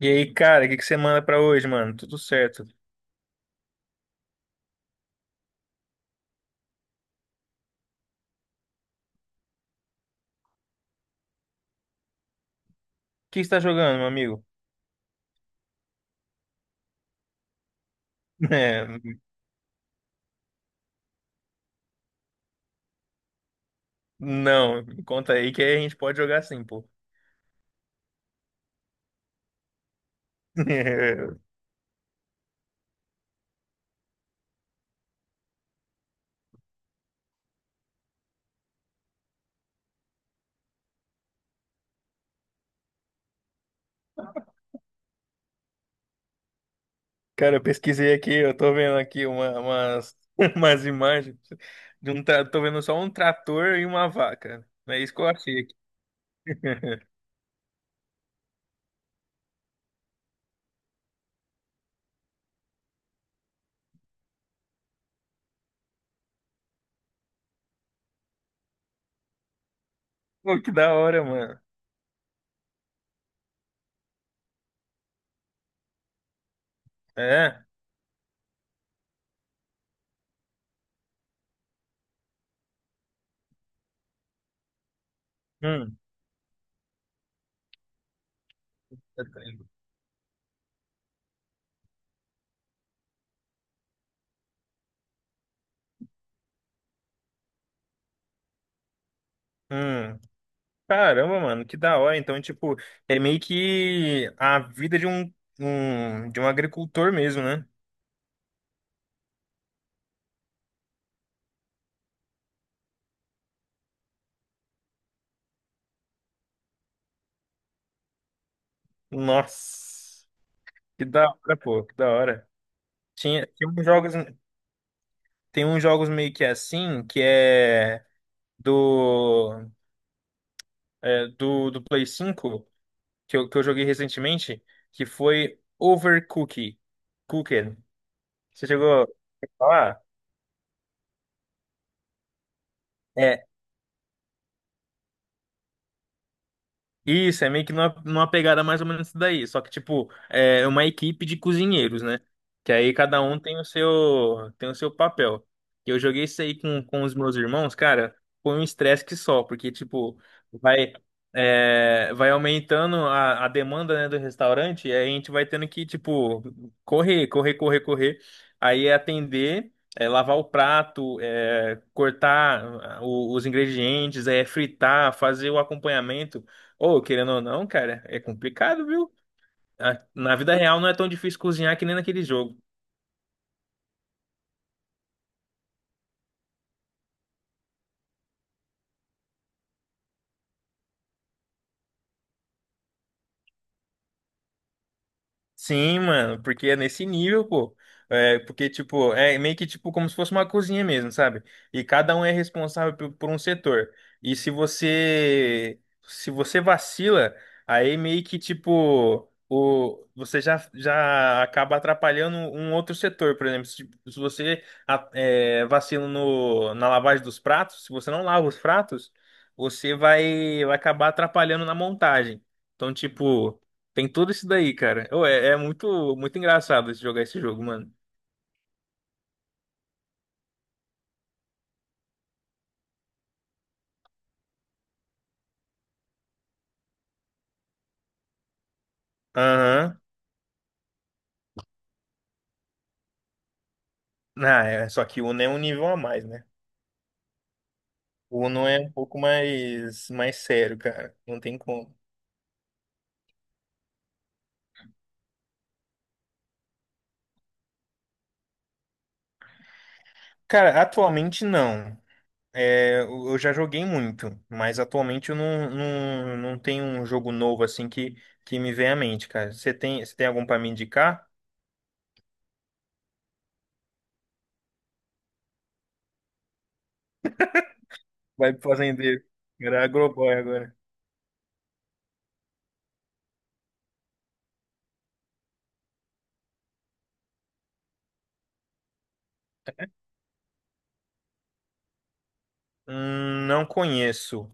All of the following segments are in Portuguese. E aí, cara, o que que você manda pra hoje, mano? Tudo certo. O que você tá jogando, meu amigo? É, não, me conta aí que aí a gente pode jogar sim, pô. Cara, eu pesquisei aqui, eu tô vendo aqui umas imagens tô vendo só um trator e uma vaca. É isso que eu achei aqui. Pô, que da hora, mano. É? Hum. Hum. Caramba, mano, que da hora. Então, tipo, é meio que a vida de um agricultor mesmo, né? Nossa, que da hora, pô, que da hora. Tinha, tinha uns jogos, tem uns jogos meio que assim, que é do, do Play 5 que eu joguei recentemente, que foi Overcooked. Cooked. Você chegou a falar? É. Isso é meio que numa pegada mais ou menos isso daí. Só que, tipo, é uma equipe de cozinheiros, né? Que aí cada um tem o seu papel. Eu joguei isso aí com os meus irmãos, cara, foi um estresse que só, porque, tipo, vai, vai aumentando a demanda, né, do restaurante, e aí a gente vai tendo que, tipo, correr, correr, correr, correr. Aí é atender, é lavar o prato, é cortar os ingredientes, é fritar, fazer o acompanhamento. Ou, querendo ou não, cara, é complicado, viu? Na vida real não é tão difícil cozinhar que nem naquele jogo. Sim, mano, porque é nesse nível, pô. É, porque, tipo, é meio que tipo como se fosse uma cozinha mesmo, sabe? E cada um é responsável por um setor. E se você vacila, aí meio que tipo o você já acaba atrapalhando um outro setor, por exemplo, se, tipo, se você vacila no, na lavagem dos pratos, se você não lava os pratos, você vai acabar atrapalhando na montagem. Então, tipo tem tudo isso daí, cara. Ô, é muito, muito engraçado jogar esse jogo, mano. Aham. Ah, é, só que o Uno é um nível a mais, né? O Uno é um pouco mais, mais sério, cara. Não tem como. Cara, atualmente não. É, eu já joguei muito, mas atualmente eu não, não, não tenho um jogo novo assim que me vem à mente, cara. Você tem algum pra me indicar? Vai pro fazendeiro. Era Agroboy agora. Não conheço.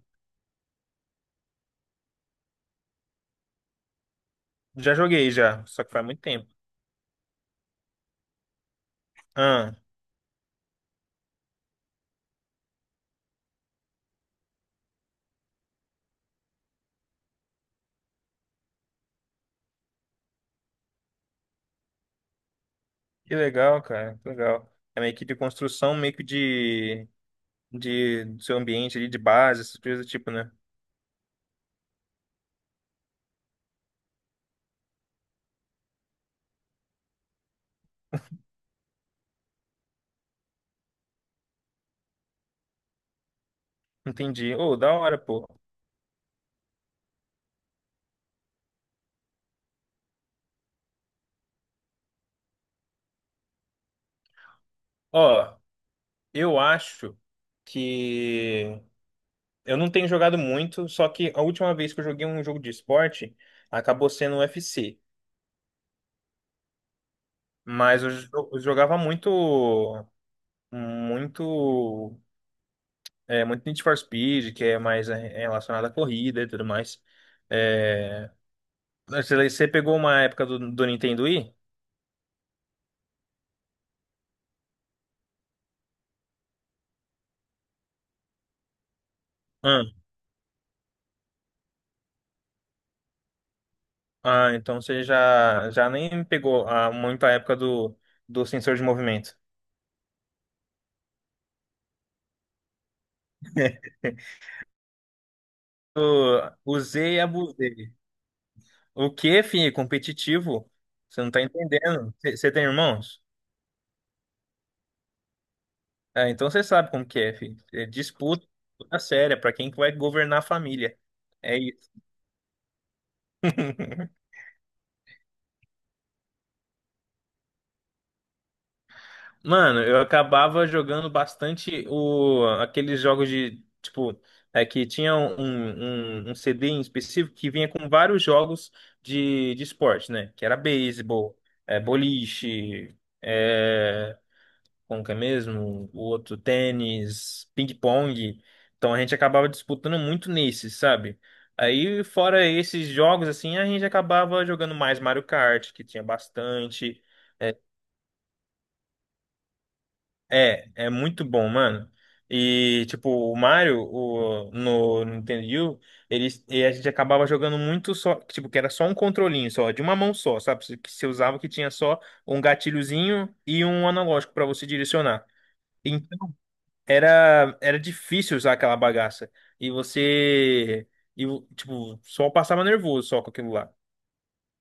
Já joguei já, só que faz muito tempo. Que legal, cara, que legal. É meio que de construção, meio que de do seu ambiente ali, de base, essas coisas do tipo, né? Entendi. Ô, da hora, pô. Ó, eu acho que eu não tenho jogado muito, só que a última vez que eu joguei um jogo de esporte acabou sendo um UFC. Mas eu jogava muito, muito Need for Speed, que é mais relacionado à corrida e tudo mais. É, você pegou uma época do Nintendo Wii? Ah, ah, então você já nem pegou muito a época do sensor de movimento. Eu usei e abusei. O que, filho? Competitivo? Você não tá entendendo. Você tem irmãos? É, então você sabe como que é, filho. É disputa, disputa séria pra quem que vai governar a família. É isso. Mano, eu acabava jogando bastante aqueles jogos de, tipo, que tinha um CD em específico que vinha com vários jogos de esporte, né? Que era beisebol, boliche, é, como que é mesmo? O outro, tênis, ping-pong. Então a gente acabava disputando muito nesses, sabe? Aí, fora esses jogos, assim, a gente acabava jogando mais Mario Kart, que tinha bastante. é, É, é muito bom, mano. E, tipo, no Nintendo Wii, U, e a gente acabava jogando muito só, tipo, que era só um controlinho, só, de uma mão só, sabe? Que você usava que tinha só um gatilhozinho e um analógico pra você direcionar. Então, era difícil usar aquela bagaça. E você, tipo, só passava nervoso só com aquilo lá.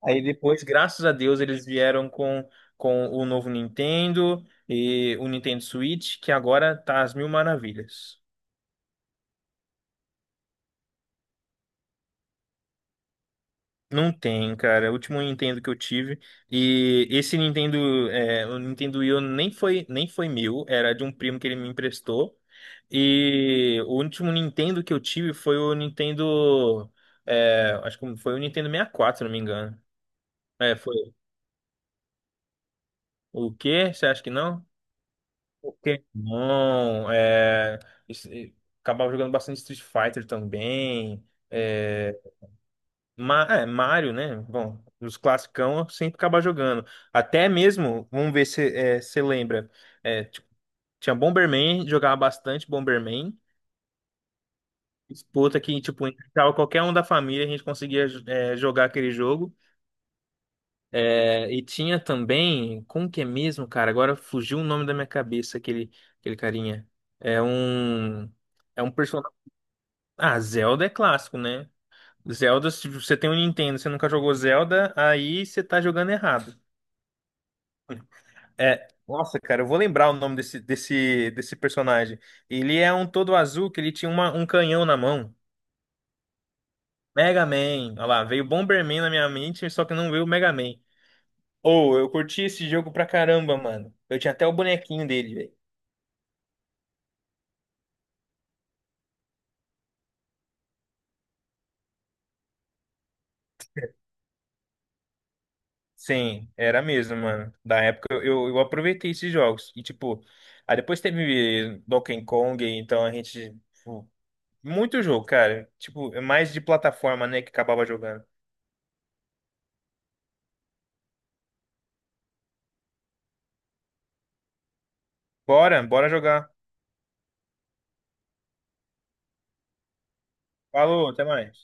Aí depois, graças a Deus, eles vieram com o novo Nintendo e o Nintendo Switch, que agora tá às mil maravilhas. Não tem, cara. O último Nintendo que eu tive. E esse Nintendo, o Nintendo Wii U nem foi, meu, era de um primo que ele me emprestou. E o último Nintendo que eu tive foi o Nintendo. Acho que foi o Nintendo 64, se não me engano. É, foi. O quê? Você acha que não? Pokémon, isso- e- acabava jogando bastante Street Fighter também. é, Mario, né? Bom, os classicão eu sempre acabava jogando. Até mesmo, vamos ver se você lembra, tipo, tinha Bomberman, jogava bastante Bomberman, disputa que, tipo, entrava qualquer um da família, a gente conseguia jogar aquele jogo. É, e tinha também, como que é mesmo, cara? Agora fugiu o nome da minha cabeça, aquele carinha. É um... É um personagem. Ah, Zelda é clássico, né? Zelda, se você tem um Nintendo, e você nunca jogou Zelda, aí você tá jogando errado. É, nossa, cara, eu vou lembrar o nome desse personagem. Ele é um todo azul que ele tinha um canhão na mão. Mega Man. Olha lá, veio Bomberman na minha mente, só que não veio o Mega Man. Ou, eu curti esse jogo pra caramba, mano. Eu tinha até o bonequinho dele, velho. Sim, era mesmo, mano. Da época eu aproveitei esses jogos. E tipo, aí depois teve Donkey Kong, então a gente, tipo, muito jogo, cara. Tipo, é mais de plataforma, né, que acabava jogando. Bora, bora jogar. Falou, até mais.